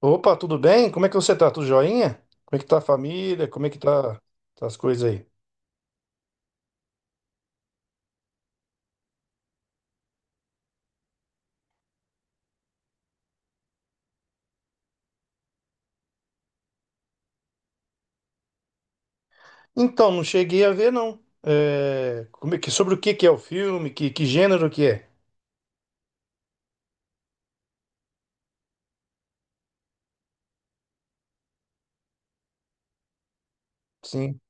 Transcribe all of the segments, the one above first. Opa, tudo bem? Como é que você tá? Tudo joinha? Como é que tá a família? Como é que tá, tá as coisas aí? Então, não cheguei a ver, não. É, como é que, sobre o que é o filme? Que gênero que é? Sim,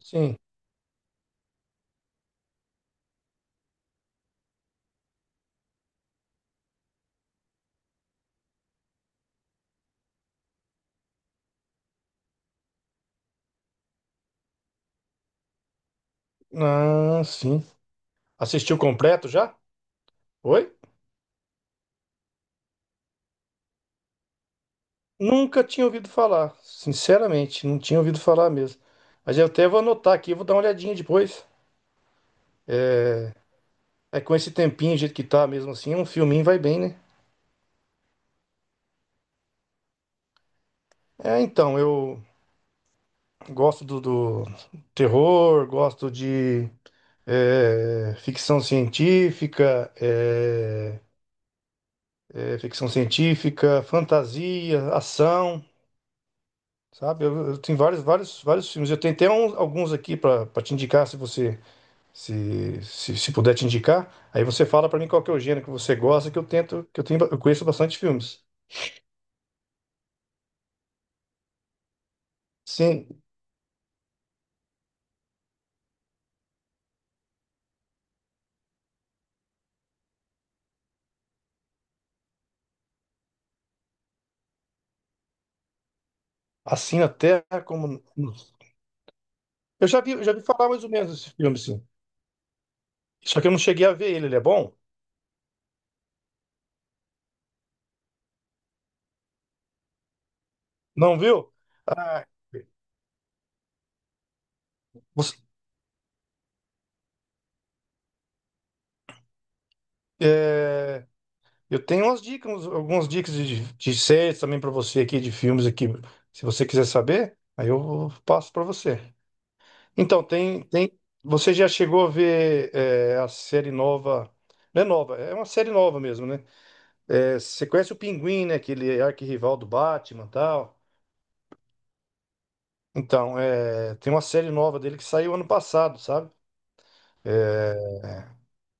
sim. Ah, sim. Assistiu completo já? Oi? Nunca tinha ouvido falar, sinceramente, não tinha ouvido falar mesmo. Mas eu até vou anotar aqui, vou dar uma olhadinha depois. É com esse tempinho, do jeito que tá mesmo assim, um filminho vai bem, né? É, então, eu gosto do terror, gosto de ficção científica, ficção científica, fantasia, ação, sabe? Eu tenho vários, vários, vários filmes. Eu tenho até uns- alguns aqui para te indicar, se você se puder te indicar. Aí você fala para mim qual que é o gênero que você gosta, que eu tento, que eu tenho, eu conheço bastante filmes. Sim, assim até como eu já vi falar mais ou menos desse filme, sim. Só que eu não cheguei a ver ele. Ele é bom? Não viu? Ah, você, é, Eu tenho umas dicas, uns- algumas dicas de séries também para você aqui, de filmes aqui, se você quiser saber, aí eu passo para você. Então, tem, você já chegou a ver a série nova, não é nova, é uma série nova mesmo, né? É, você conhece o Pinguim, né? Aquele arquirrival do Batman e tal. Então, é, tem uma série nova dele que saiu ano passado, sabe?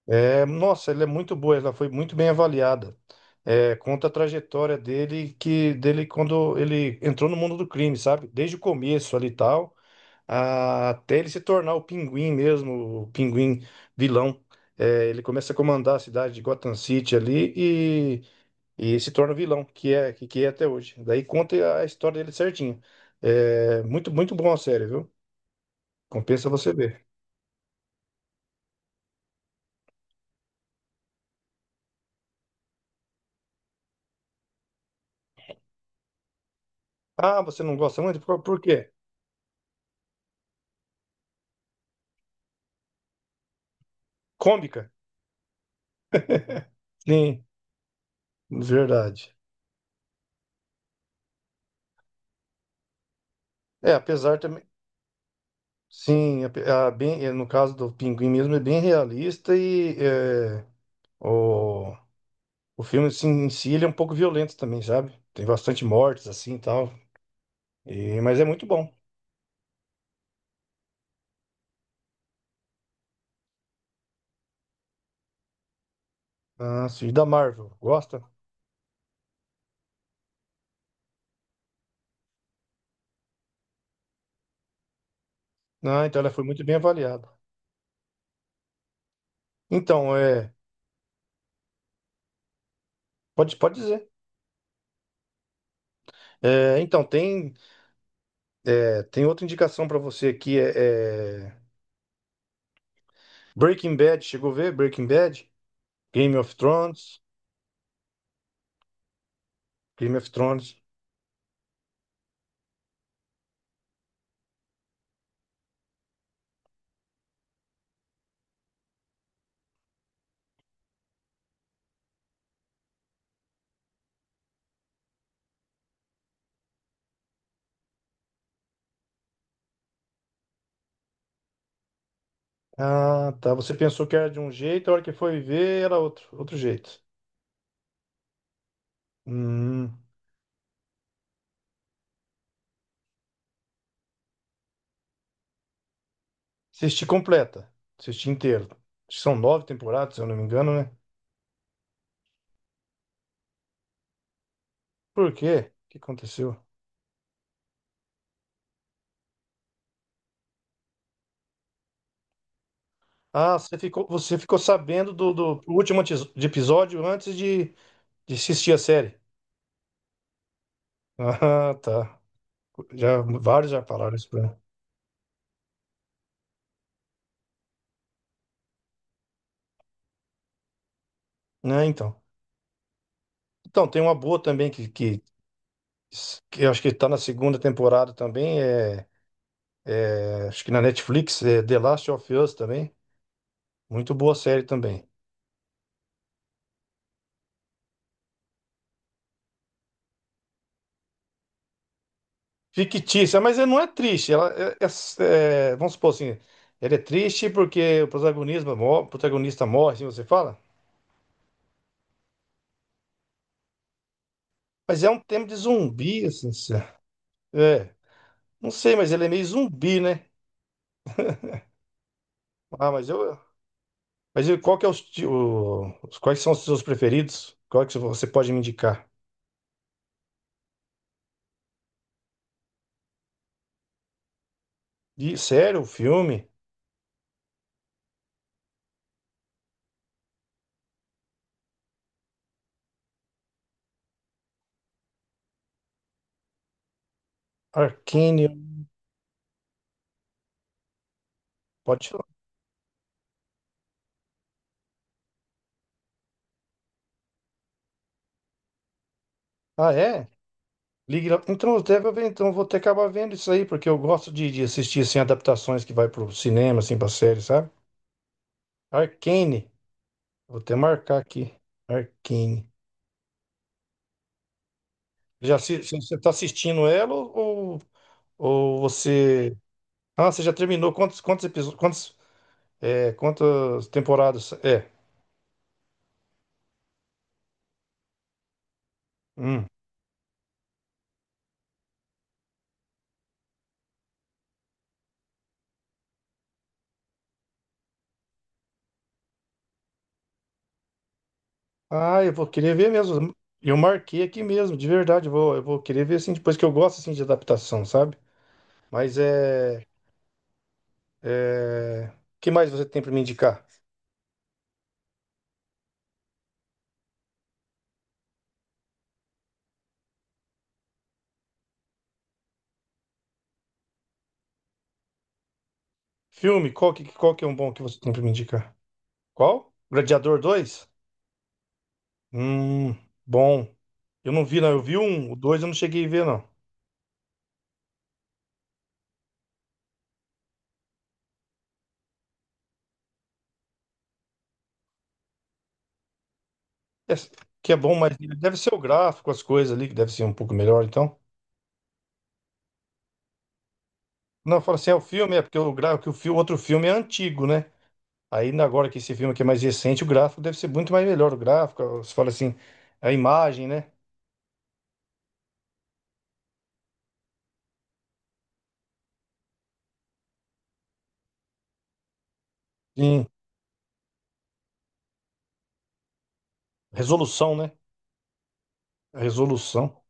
É, nossa, ela é muito boa, ela foi muito bem avaliada. É, conta a trajetória dele quando ele entrou no mundo do crime, sabe? Desde o começo ali e tal, a- até ele se tornar o Pinguim mesmo, o Pinguim vilão. É, ele começa a comandar a cidade de Gotham City ali e, e se torna vilão, que é até hoje. Daí conta a história dele certinho. É, muito muito bom a série, viu? Compensa você ver. Ah, você não gosta muito? Por quê? Cômica. Sim. Verdade. É, apesar também. Sim, ape- a, bem, no caso do Pinguim mesmo, é bem realista e o, o filme assim, em si ele é um pouco violento também, sabe? Tem bastante mortes assim e tal. E, mas é muito bom. Ah, sim, e da Marvel, gosta? Ah, então ela foi muito bem avaliada. Então, é, pode dizer. É, então, é, tem outra indicação pra você aqui: é Breaking Bad, chegou a ver? Breaking Bad, Game of Thrones. Game of Thrones. Ah, tá. Você pensou que era de um jeito, a hora que foi ver era outro, outro jeito. Hum. Assisti completa. Assisti inteiro. Acho que são nove temporadas, se eu não me engano, né? Por quê? O que aconteceu? Ah, você ficou sabendo do último antes- de episódio antes de assistir a série. Ah, tá. Já, vários já falaram isso pra mim. Né, então. Então, tem uma boa também que eu acho que tá na segunda temporada também. Acho que na Netflix, é The Last of Us também. Muito boa série também. Fictícia, mas ela não é triste. Ela é, é- é- vamos supor assim, ela é triste porque o protagonista, mo- o protagonista morre, assim você fala. Mas é um tema de zumbi, assim. Se- É, não sei, mas ele é meio zumbi, né? Ah, mas eu- qual que é os, ti- o- os- quais são os seus preferidos? Qual que você pode me indicar? E sério, o filme? Arcane, pode falar. Ah, é? Ligue lá. Então, eu até ver- então eu vou até acabar vendo isso aí, porque eu gosto de assistir assim, adaptações que vai pro cinema, assim, pra série, sabe? Arcane. Vou até marcar aqui. Arcane. Já assi- você tá assistindo ela ou ou você. Ah, você já terminou. Quantos, quantos episódios? Quantos, é, quantas temporadas? É. Hum. Ah, eu vou querer ver mesmo. Eu marquei aqui mesmo, de verdade. Eu vou querer ver assim, depois que eu gosto assim, de adaptação, sabe? Mas é. É... O que mais você tem pra me indicar? Filme, qual que é um bom que você tem pra me indicar? Qual? Gladiador dois. Hum, bom. Eu não vi, não. Eu vi um, o dois eu não cheguei a ver, não. É, que é bom, mas deve ser o gráfico, as coisas ali, que deve ser um pouco melhor, então. Não, fala assim, é o filme, é porque o gráfico, que o fi- outro filme é antigo, né? Aí na- agora que esse filme aqui é mais recente, o gráfico deve ser muito mais melhor. O gráfico, você fala assim, a imagem, né? Sim, resolução, né? A resolução.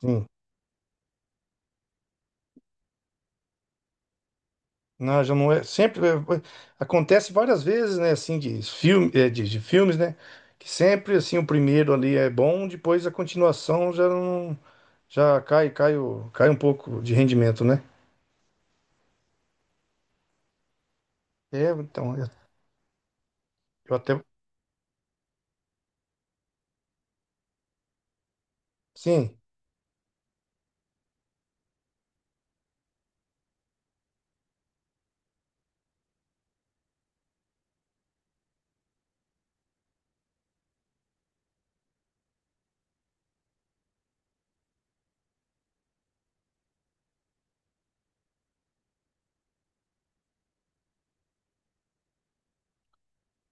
Sim. Não, já não é. Sempre acontece várias vezes, né? Assim, de filme, de filmes, né? Que sempre assim o primeiro ali é bom, depois a continuação já não, já cai, cai, o- cai um pouco de rendimento, né? É, então eu, eu até sim.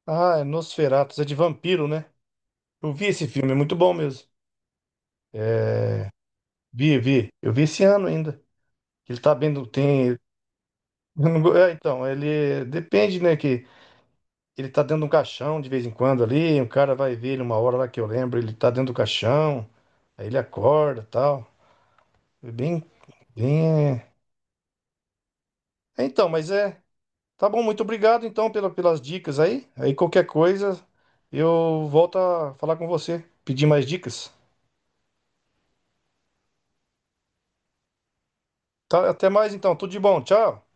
Ah, é Nosferatu, é de vampiro, né? Eu vi esse filme, é muito bom mesmo. Vi, vi. Eu vi esse ano ainda. Ele tá bem, não tem. É, então, ele depende, né? que Ele tá dentro de um caixão de vez em quando ali, um cara vai ver ele uma hora lá que eu lembro, ele tá dentro do caixão, aí ele acorda tal. É bem, bem. É. É, Então, mas é. Tá bom, muito obrigado então pela, pelas dicas aí. Aí qualquer coisa eu volto a falar com você, pedir mais dicas. Tá, até mais então, tudo de bom, tchau.